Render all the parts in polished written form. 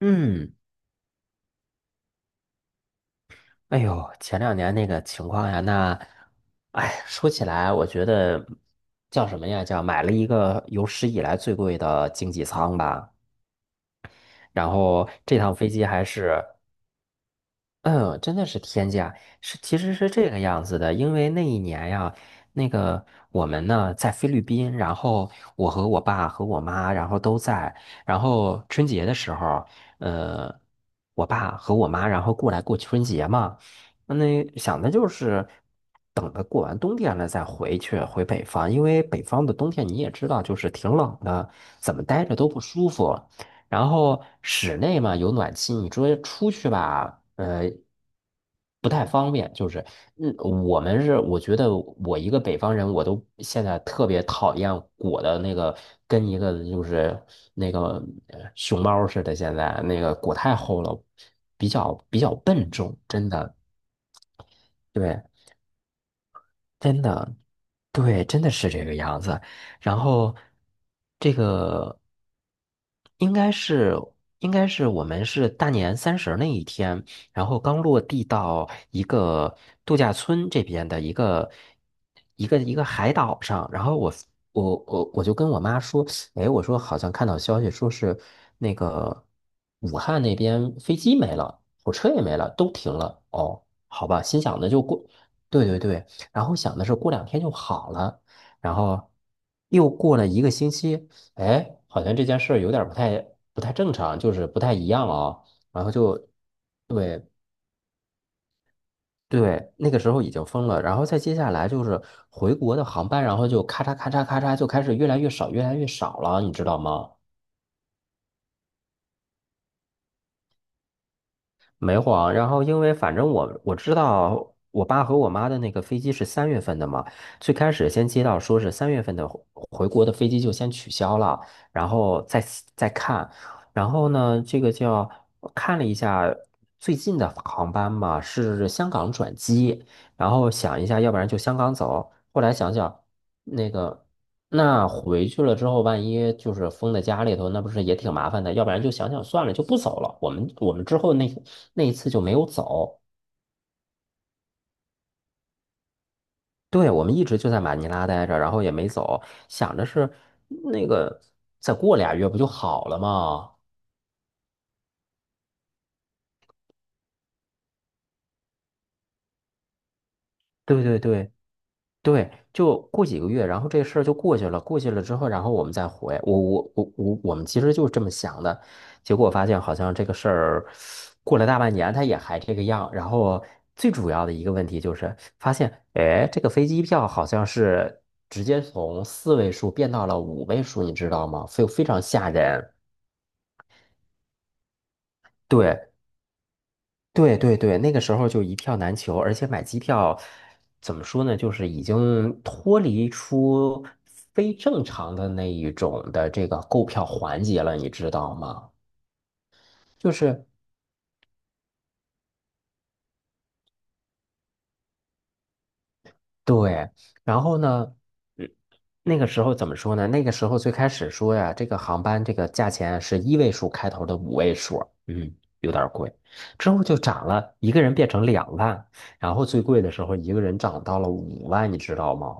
嗯，哎呦，前两年那个情况呀，那，哎，说起来，我觉得叫什么呀？叫买了一个有史以来最贵的经济舱吧。然后这趟飞机还是嗯，真的是天价，是其实是这个样子的，因为那一年呀，那个我们呢在菲律宾，然后我和我爸和我妈，然后都在，然后春节的时候，呃，我爸和我妈然后过来过春节嘛，那想的就是等着过完冬天了再回去回北方，因为北方的冬天你也知道，就是挺冷的，怎么待着都不舒服。然后室内嘛有暖气，你说出去吧，嗯，我们是，我觉得我一个北方人，我都现在特别讨厌裹的那个，跟一个就是那个熊猫似的，现在那个裹太厚了，比较笨重，真的。对，真的，对，真的是这个样子。然后，这个应该是应该是我们是大年三十那一天，然后刚落地到一个度假村这边的一个一个海岛上，然后我就跟我妈说，哎，我说好像看到消息说是那个武汉那边飞机没了，火车也没了，都停了。哦，好吧，心想的就过。对对对，然后想的是过两天就好了，然后又过了一个星期，哎，好像这件事儿有点儿不太正常，就是不太一样哦。然后就对对，那个时候已经疯了。然后再接下来就是回国的航班，然后就咔嚓咔嚓咔嚓就开始越来越少，越来越少了，你知道吗？没晃，然后因为反正我知道我爸和我妈的那个飞机是三月份的嘛，最开始先接到说是三月份的回国的飞机就先取消了，然后再看，然后呢，这个叫我看了一下最近的航班嘛，是香港转机，然后想一下，要不然就香港走，后来想想那个。那回去了之后，万一就是封在家里头，那不是也挺麻烦的？要不然就想想算了，就不走了。我们之后那那一次就没有走，对，我们一直就在马尼拉待着，然后也没走，想着是那个再过俩月不就好了吗？对对对，对，就过几个月，然后这事儿就过去了。过去了之后，然后我们再回。我们其实就是这么想的。结果发现好像这个事儿过了大半年，它也还这个样。然后最主要的一个问题就是发现，哎，这个飞机票好像是直接从四位数变到了五位数，你知道吗？非常吓人。对，对对对，那个时候就一票难求，而且买机票怎么说呢，就是已经脱离出非正常的那一种的这个购票环节了，你知道吗？就是对，然后呢，嗯，那个时候怎么说呢？那个时候最开始说呀，这个航班这个价钱是一位数开头的五位数，嗯，有点儿贵，之后就涨了，一个人变成两万，然后最贵的时候一个人涨到了五万，你知道吗？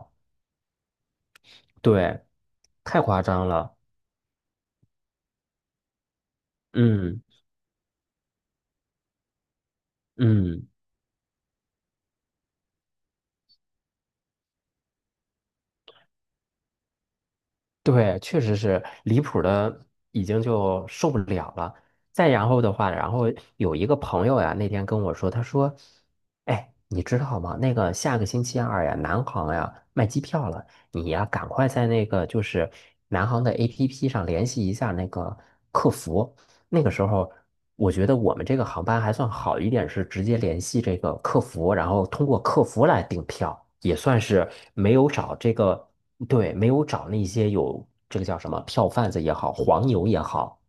对，太夸张了。嗯嗯。对，确实是离谱的，已经就受不了了。再然后的话，然后有一个朋友呀，那天跟我说，他说：“哎，你知道吗？那个下个星期二呀，南航呀卖机票了，你呀赶快在那个就是南航的 APP 上联系一下那个客服。那个时候，我觉得我们这个航班还算好一点，是直接联系这个客服，然后通过客服来订票，也算是没有找这个。”对，没有找那些有这个叫什么票贩子也好，黄牛也好，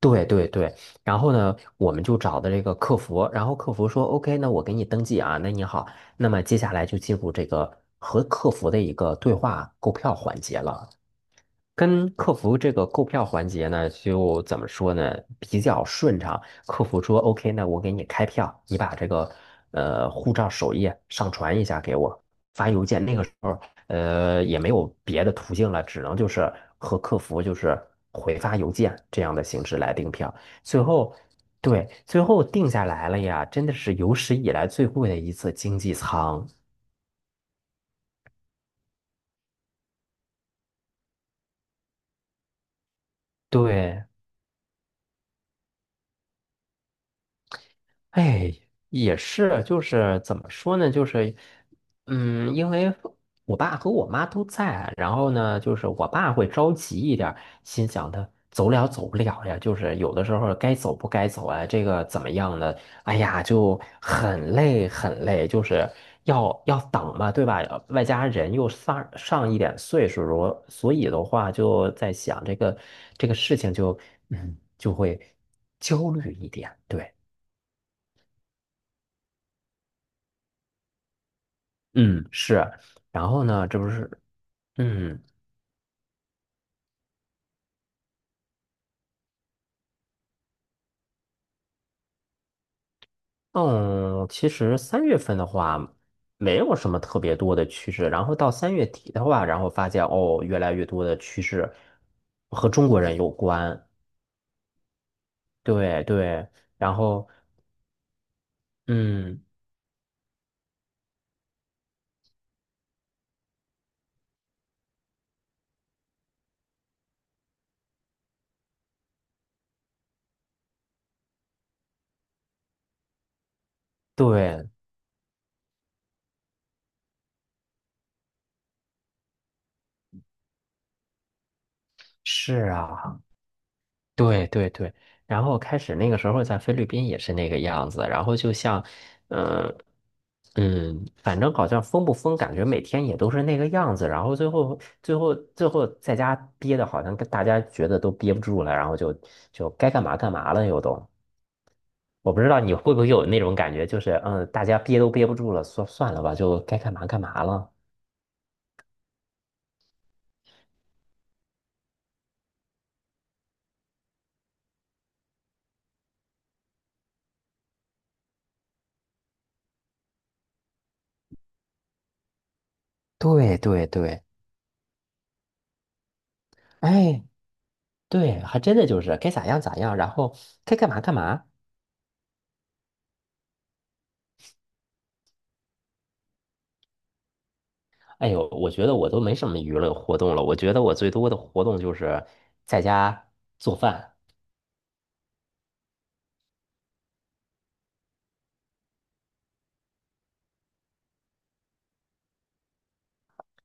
对对对。然后呢，我们就找的这个客服，然后客服说：“OK,那我给你登记啊，那你好。”那么接下来就进入这个和客服的一个对话购票环节了。跟客服这个购票环节呢，就怎么说呢，比较顺畅。客服说 OK 那我给你开票，你把这个护照首页上传一下给我，发邮件。那个时候也没有别的途径了，只能就是和客服就是回发邮件这样的形式来订票。最后，对，最后定下来了呀，真的是有史以来最贵的一次经济舱。对。哎，也是，就是怎么说呢？就是，嗯，因为我爸和我妈都在，然后呢，就是我爸会着急一点儿心想的走了走不了呀，就是有的时候该走不该走啊，这个怎么样呢？哎呀，就很累，就是要等嘛，对吧？外加人又上一点岁数了，所以的话就在想这个这个事情就嗯就会焦虑一点，对。嗯，是，然后呢，这不是，嗯嗯，其实三月份的话，没有什么特别多的趋势，然后到三月底的话，然后发现哦，越来越多的趋势和中国人有关，对对，然后嗯，对，是啊。对对对，然后开始那个时候在菲律宾也是那个样子，然后就像，嗯嗯，反正好像封不封，感觉每天也都是那个样子，然后最后在家憋的，好像跟大家觉得都憋不住了，然后就就该干嘛干嘛了又都。我不知道你会不会有那种感觉，就是嗯，大家憋都憋不住了，算了吧，就该干嘛干嘛了。对对对，哎，对，还真的就是该咋样咋样，然后该干嘛干嘛。哎呦，我觉得我都没什么娱乐活动了。我觉得我最多的活动就是在家做饭，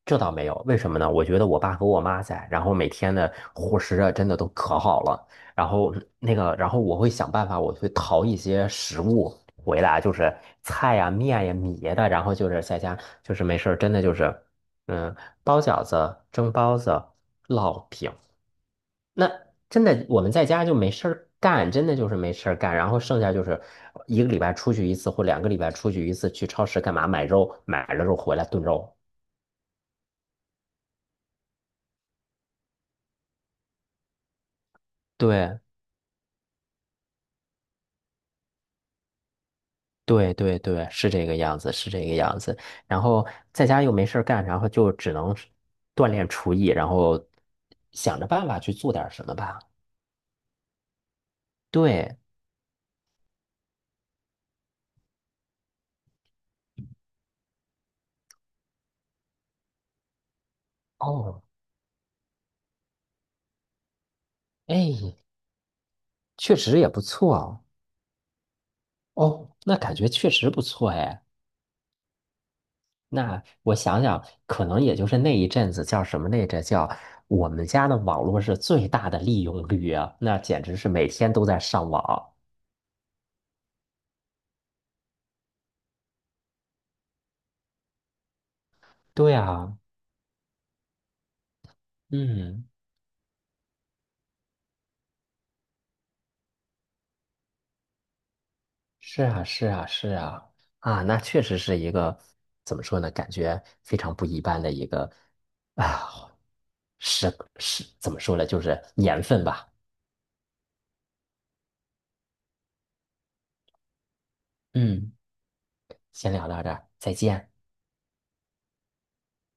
这倒没有。为什么呢？我觉得我爸和我妈在，然后每天的伙食啊，真的都可好了。然后那个，然后我会想办法，我会淘一些食物回来，就是菜呀、面呀、米呀的。然后就是在家，就是没事儿，真的就是，嗯，包饺子、蒸包子、烙饼。那真的我们在家就没事儿干，真的就是没事儿干，然后剩下就是一个礼拜出去一次或两个礼拜出去一次，去超市干嘛买肉，买了肉回来炖肉。对对对，是这个样子，是这个样子。然后在家又没事儿干，然后就只能是锻炼厨艺，然后想着办法去做点儿什么吧。对，哦，哎，确实也不错哦。哦，那感觉确实不错哎。那我想想，可能也就是那一阵子叫什么来着？叫我们家的网络是最大的利用率啊，那简直是每天都在上网。对啊，嗯，是啊，是啊，是啊，啊，那确实是一个怎么说呢？感觉非常不一般的一个啊，是是怎么说呢？就是年份吧。嗯，先聊到这儿，再见。